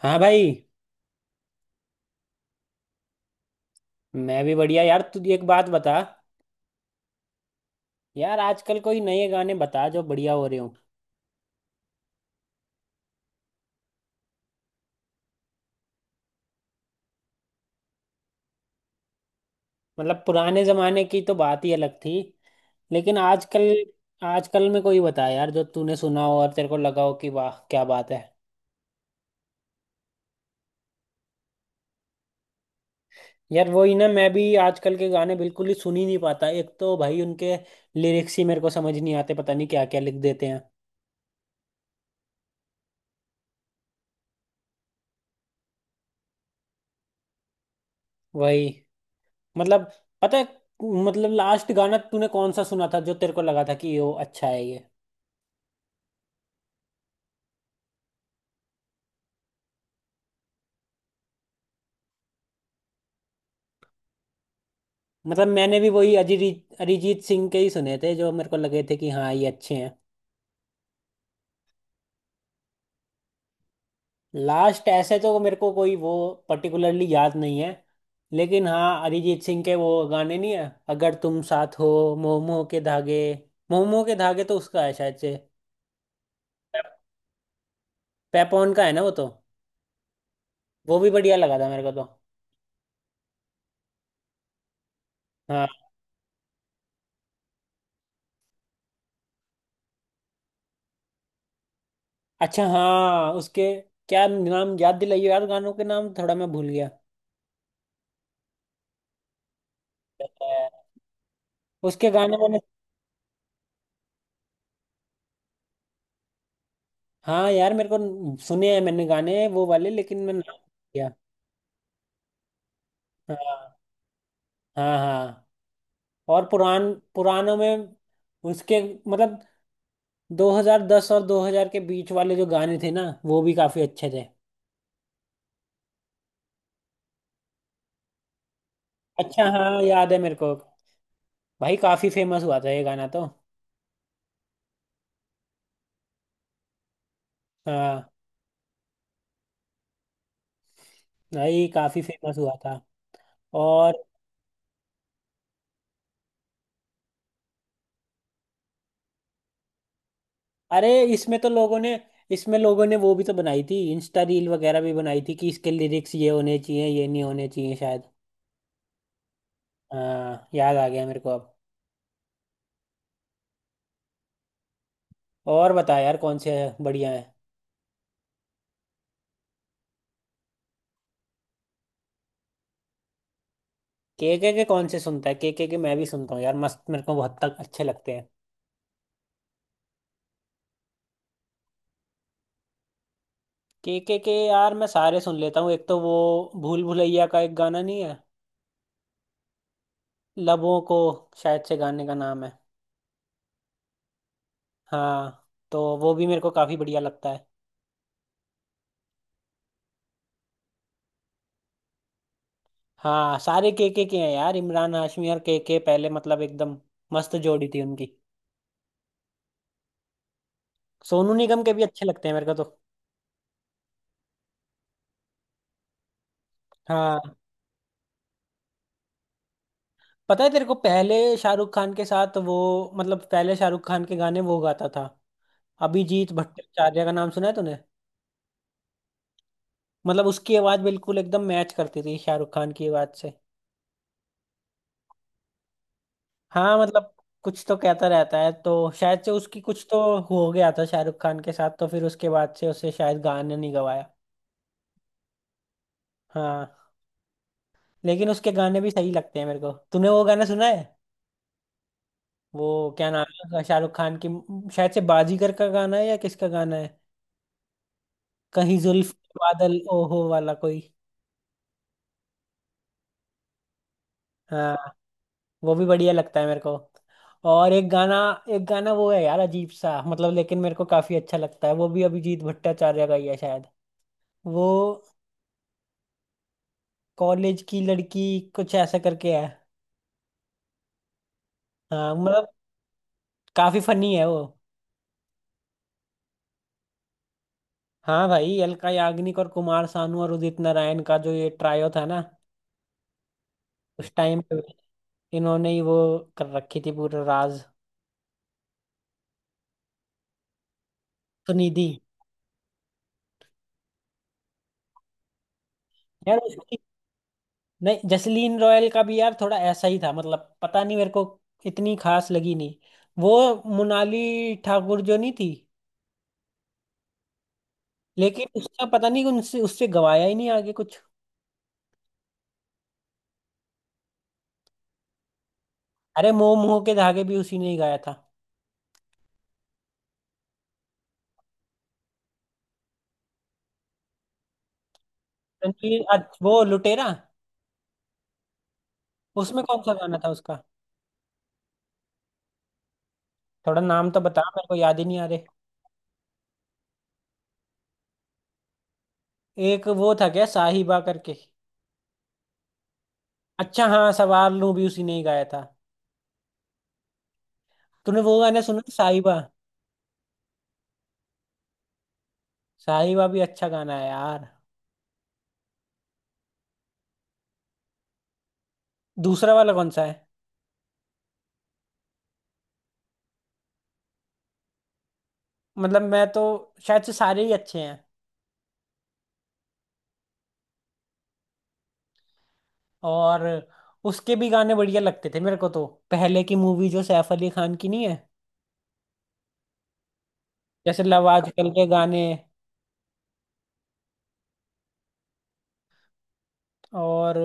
हाँ भाई। मैं भी बढ़िया यार। तू एक बात बता यार, आजकल कोई नए गाने बता जो बढ़िया हो रहे हो। मतलब पुराने जमाने की तो बात ही अलग थी, लेकिन आजकल, आजकल में कोई बता यार जो तूने सुना हो और तेरे को लगा हो कि वाह क्या बात है। यार वही ना, मैं भी आजकल के गाने बिल्कुल ही सुन ही नहीं पाता। एक तो भाई उनके लिरिक्स ही मेरे को समझ नहीं आते, पता नहीं क्या क्या लिख देते हैं। वही, मतलब, पता है, मतलब लास्ट गाना तूने कौन सा सुना था जो तेरे को लगा था कि ये वो अच्छा है ये। मतलब मैंने भी वही अरिजीत अरिजीत सिंह के ही सुने थे जो मेरे को लगे थे कि हाँ ये अच्छे हैं। लास्ट ऐसे तो मेरे को कोई वो पर्टिकुलरली याद नहीं है। लेकिन हाँ अरिजीत सिंह के वो गाने नहीं है अगर तुम साथ हो, मोह मोह के धागे मोह मोह के धागे तो उसका है शायद से। पेपॉन का है ना वो तो। वो भी बढ़िया लगा था मेरे को तो। हाँ। अच्छा हाँ उसके, क्या नाम, याद दिलाइए यार, गानों के नाम थोड़ा मैं भूल गया। उसके गाने मैंने, हाँ यार मेरे को सुने हैं मैंने गाने वो वाले, लेकिन मैं नाम किया। हाँ हाँ हाँ। और पुरानों में उसके, मतलब 2010 और 2000 के बीच वाले जो गाने थे ना वो भी काफी अच्छे थे। अच्छा हाँ याद है मेरे को। भाई काफी फेमस हुआ था ये गाना तो। हाँ भाई काफी फेमस हुआ था। और अरे, इसमें तो लोगों ने इसमें लोगों ने वो भी तो बनाई थी, इंस्टा रील वगैरह भी बनाई थी कि इसके लिरिक्स ये होने चाहिए ये नहीं होने चाहिए शायद। हाँ याद आ गया मेरे को अब। और बता यार कौन से बढ़िया है। केके के कौन से सुनता है? केके के मैं भी सुनता हूँ यार, मस्त मेरे को बहुत तक अच्छे लगते हैं। केके के यार मैं सारे सुन लेता हूँ। एक तो वो भूल भुलैया का एक गाना नहीं है लबों को, शायद से गाने का नाम है। हाँ तो वो भी मेरे को काफी बढ़िया लगता है। हाँ सारे केके के हैं यार। इमरान हाशमी और केके पहले, मतलब एकदम मस्त जोड़ी थी उनकी। सोनू निगम के भी अच्छे लगते हैं मेरे को तो। हाँ पता है तेरे को पहले शाहरुख खान के साथ वो, मतलब पहले शाहरुख खान के गाने वो गाता था। अभिजीत भट्टाचार्य का नाम सुना है तूने? मतलब उसकी आवाज बिल्कुल एकदम मैच करती थी शाहरुख खान की आवाज से। हाँ मतलब कुछ तो कहता रहता है, तो शायद से उसकी कुछ तो हो गया था शाहरुख खान के साथ, तो फिर उसके बाद से उसे शायद गाने नहीं गवाया। हाँ। लेकिन उसके गाने भी सही लगते हैं मेरे को। तूने वो गाना सुना है, वो क्या नाम है उसका? शाहरुख खान की, शायद से बाजीगर का गाना है या किसका गाना है, कहीं जुल्फ बादल ओहो वाला कोई। हाँ। वो भी बढ़िया लगता है मेरे को। और एक गाना, वो है यार अजीब सा, मतलब लेकिन मेरे को काफी अच्छा लगता है, वो भी अभिजीत भट्टाचार्य का ही है शायद। वो कॉलेज की लड़की कुछ ऐसा करके है। हाँ मतलब काफी फनी है वो। हाँ भाई अलका याग्निक और कुमार सानू और उदित नारायण का जो ये ट्रायो था ना उस टाइम पे, इन्होंने ही वो कर रखी थी पूरा राज। सुनिधि। यार नहीं, जसलीन रॉयल का भी यार थोड़ा ऐसा ही था, मतलब पता नहीं मेरे को इतनी खास लगी नहीं। वो मोनाली ठाकुर जो नहीं थी, लेकिन उसका पता नहीं, उनसे उससे गवाया ही नहीं आगे कुछ। अरे मोह मोह के धागे भी उसी ने ही गाया था। रणवीर वो लुटेरा। उसमें कौन सा गाना था उसका? थोड़ा नाम तो बता, मेरे को याद ही नहीं आ रहे। एक वो था क्या साहिबा करके। अच्छा हाँ सवार लूं भी उसी ने ही गाया था। तूने वो गाना सुना साहिबा? साहिबा भी अच्छा गाना है यार। दूसरा वाला कौन सा है? मतलब मैं तो, शायद से सारे ही अच्छे हैं। और उसके भी गाने बढ़िया लगते थे मेरे को तो, पहले की मूवी जो सैफ अली खान की नहीं है, जैसे लव आजकल के गाने। और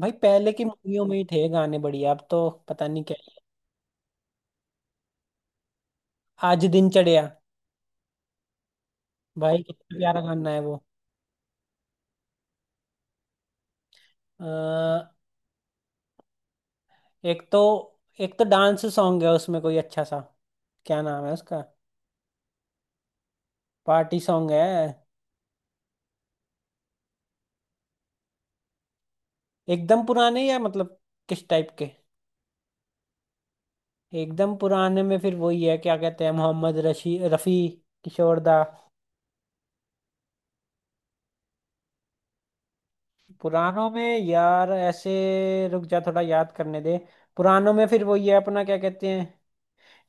भाई पहले की मूवियों में ही थे गाने बढ़िया, अब तो पता नहीं क्या। आज दिन चढ़िया। भाई कितना प्यारा गाना है वो। अ, एक तो डांस सॉन्ग है उसमें कोई अच्छा सा। क्या नाम है उसका? पार्टी सॉन्ग है। एकदम पुराने या मतलब किस टाइप के? एकदम पुराने में फिर वही है, क्या कहते हैं, मोहम्मद रशी रफ़ी, किशोर दा। पुरानों में यार ऐसे, रुक जा थोड़ा याद करने दे। पुरानों में फिर वही है अपना, क्या कहते हैं,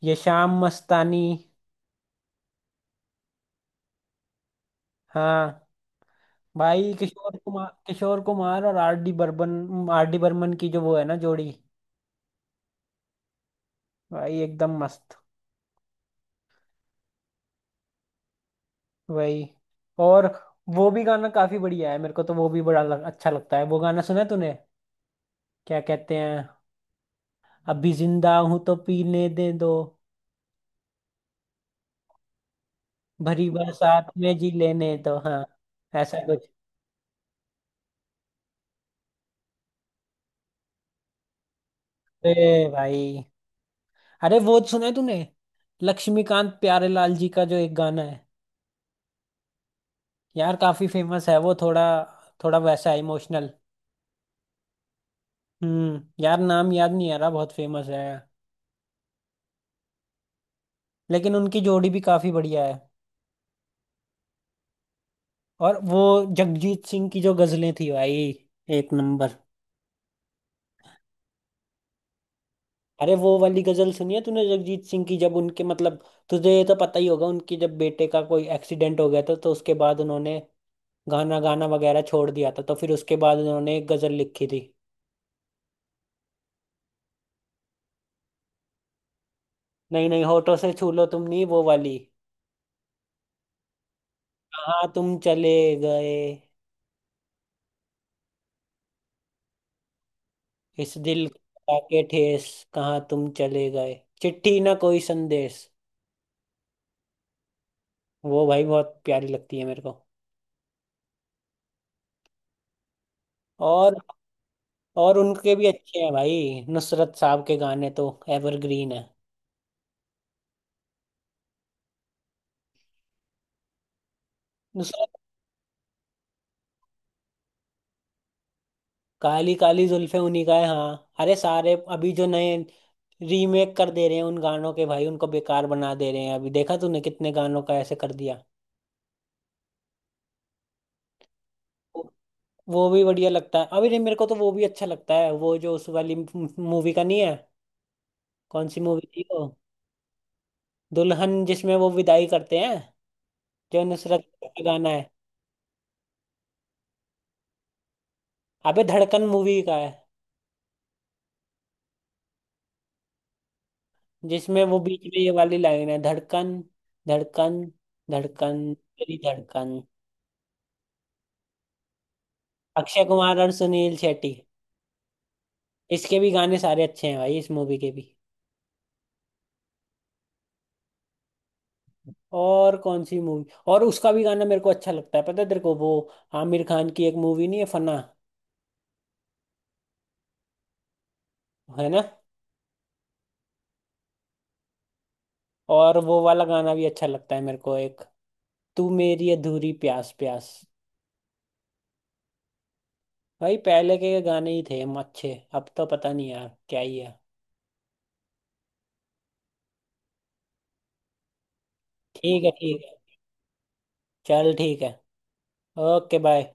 ये शाम मस्तानी। हाँ भाई किशोर कुमार और आर डी बर्मन की जो वो है ना जोड़ी। भाई एकदम मस्त। वही। और वो भी गाना काफी बढ़िया है मेरे को तो, वो भी अच्छा लगता है। वो गाना सुना है तूने? क्या कहते हैं, अभी जिंदा हूं तो पीने दे दो, भरी बरसात में जी लेने तो, हाँ, ऐसा कुछ। ए भाई, अरे वो सुना है तूने, लक्ष्मीकांत प्यारेलाल जी का जो एक गाना है, यार काफी फेमस है वो, थोड़ा थोड़ा वैसा इमोशनल। यार नाम याद नहीं आ रहा, बहुत फेमस है। लेकिन उनकी जोड़ी भी काफी बढ़िया है। और वो जगजीत सिंह की जो गजलें थी भाई, एक नंबर। अरे वो वाली गजल सुनी है तूने जगजीत सिंह की, जब उनके, मतलब, तुझे ये तो पता ही होगा उनके जब बेटे का कोई एक्सीडेंट हो गया था तो उसके बाद उन्होंने गाना गाना वगैरह छोड़ दिया था, तो फिर उसके बाद उन्होंने एक गजल लिखी थी। नहीं नहीं, होठों से छू लो तुम नहीं, वो वाली कहाँ तुम चले गए। इस दिल के ठेस, कहाँ तुम चले गए, चिट्ठी ना कोई संदेश। वो भाई बहुत प्यारी लगती है मेरे को। और और उनके भी अच्छे हैं भाई नुसरत साहब के गाने तो, एवरग्रीन है। नुसरत, काली काली जुल्फे उन्हीं का है हाँ। अरे सारे अभी जो नए रीमेक कर दे रहे हैं उन गानों के भाई, उनको बेकार बना दे रहे हैं, अभी देखा तूने कितने गानों का ऐसे कर दिया। वो वो भी बढ़िया लगता है अभी नहीं मेरे को तो, वो भी अच्छा लगता है, वो जो उस वाली मूवी का नहीं है। कौन सी मूवी थी वो? दुल्हन जिसमें वो विदाई करते हैं, जो नुसरत का गाना है। अबे धड़कन मूवी का है, जिसमें वो बीच में ये वाली लाइन है, धड़कन, धड़कन, धड़कन तेरी धड़कन। अक्षय कुमार और सुनील शेट्टी। इसके भी गाने सारे अच्छे हैं भाई, इस मूवी के भी। और कौन सी मूवी? और उसका भी गाना मेरे को अच्छा लगता है, पता है तेरे को वो, आमिर खान की एक मूवी नहीं है फना। है ना। और वो वाला गाना भी अच्छा लगता है मेरे को, एक तू मेरी अधूरी प्यास प्यास। भाई पहले के गाने ही थे हम अच्छे, अब तो पता नहीं यार क्या ही है। ठीक है। ठीक है, चल ठीक है। Okay bye.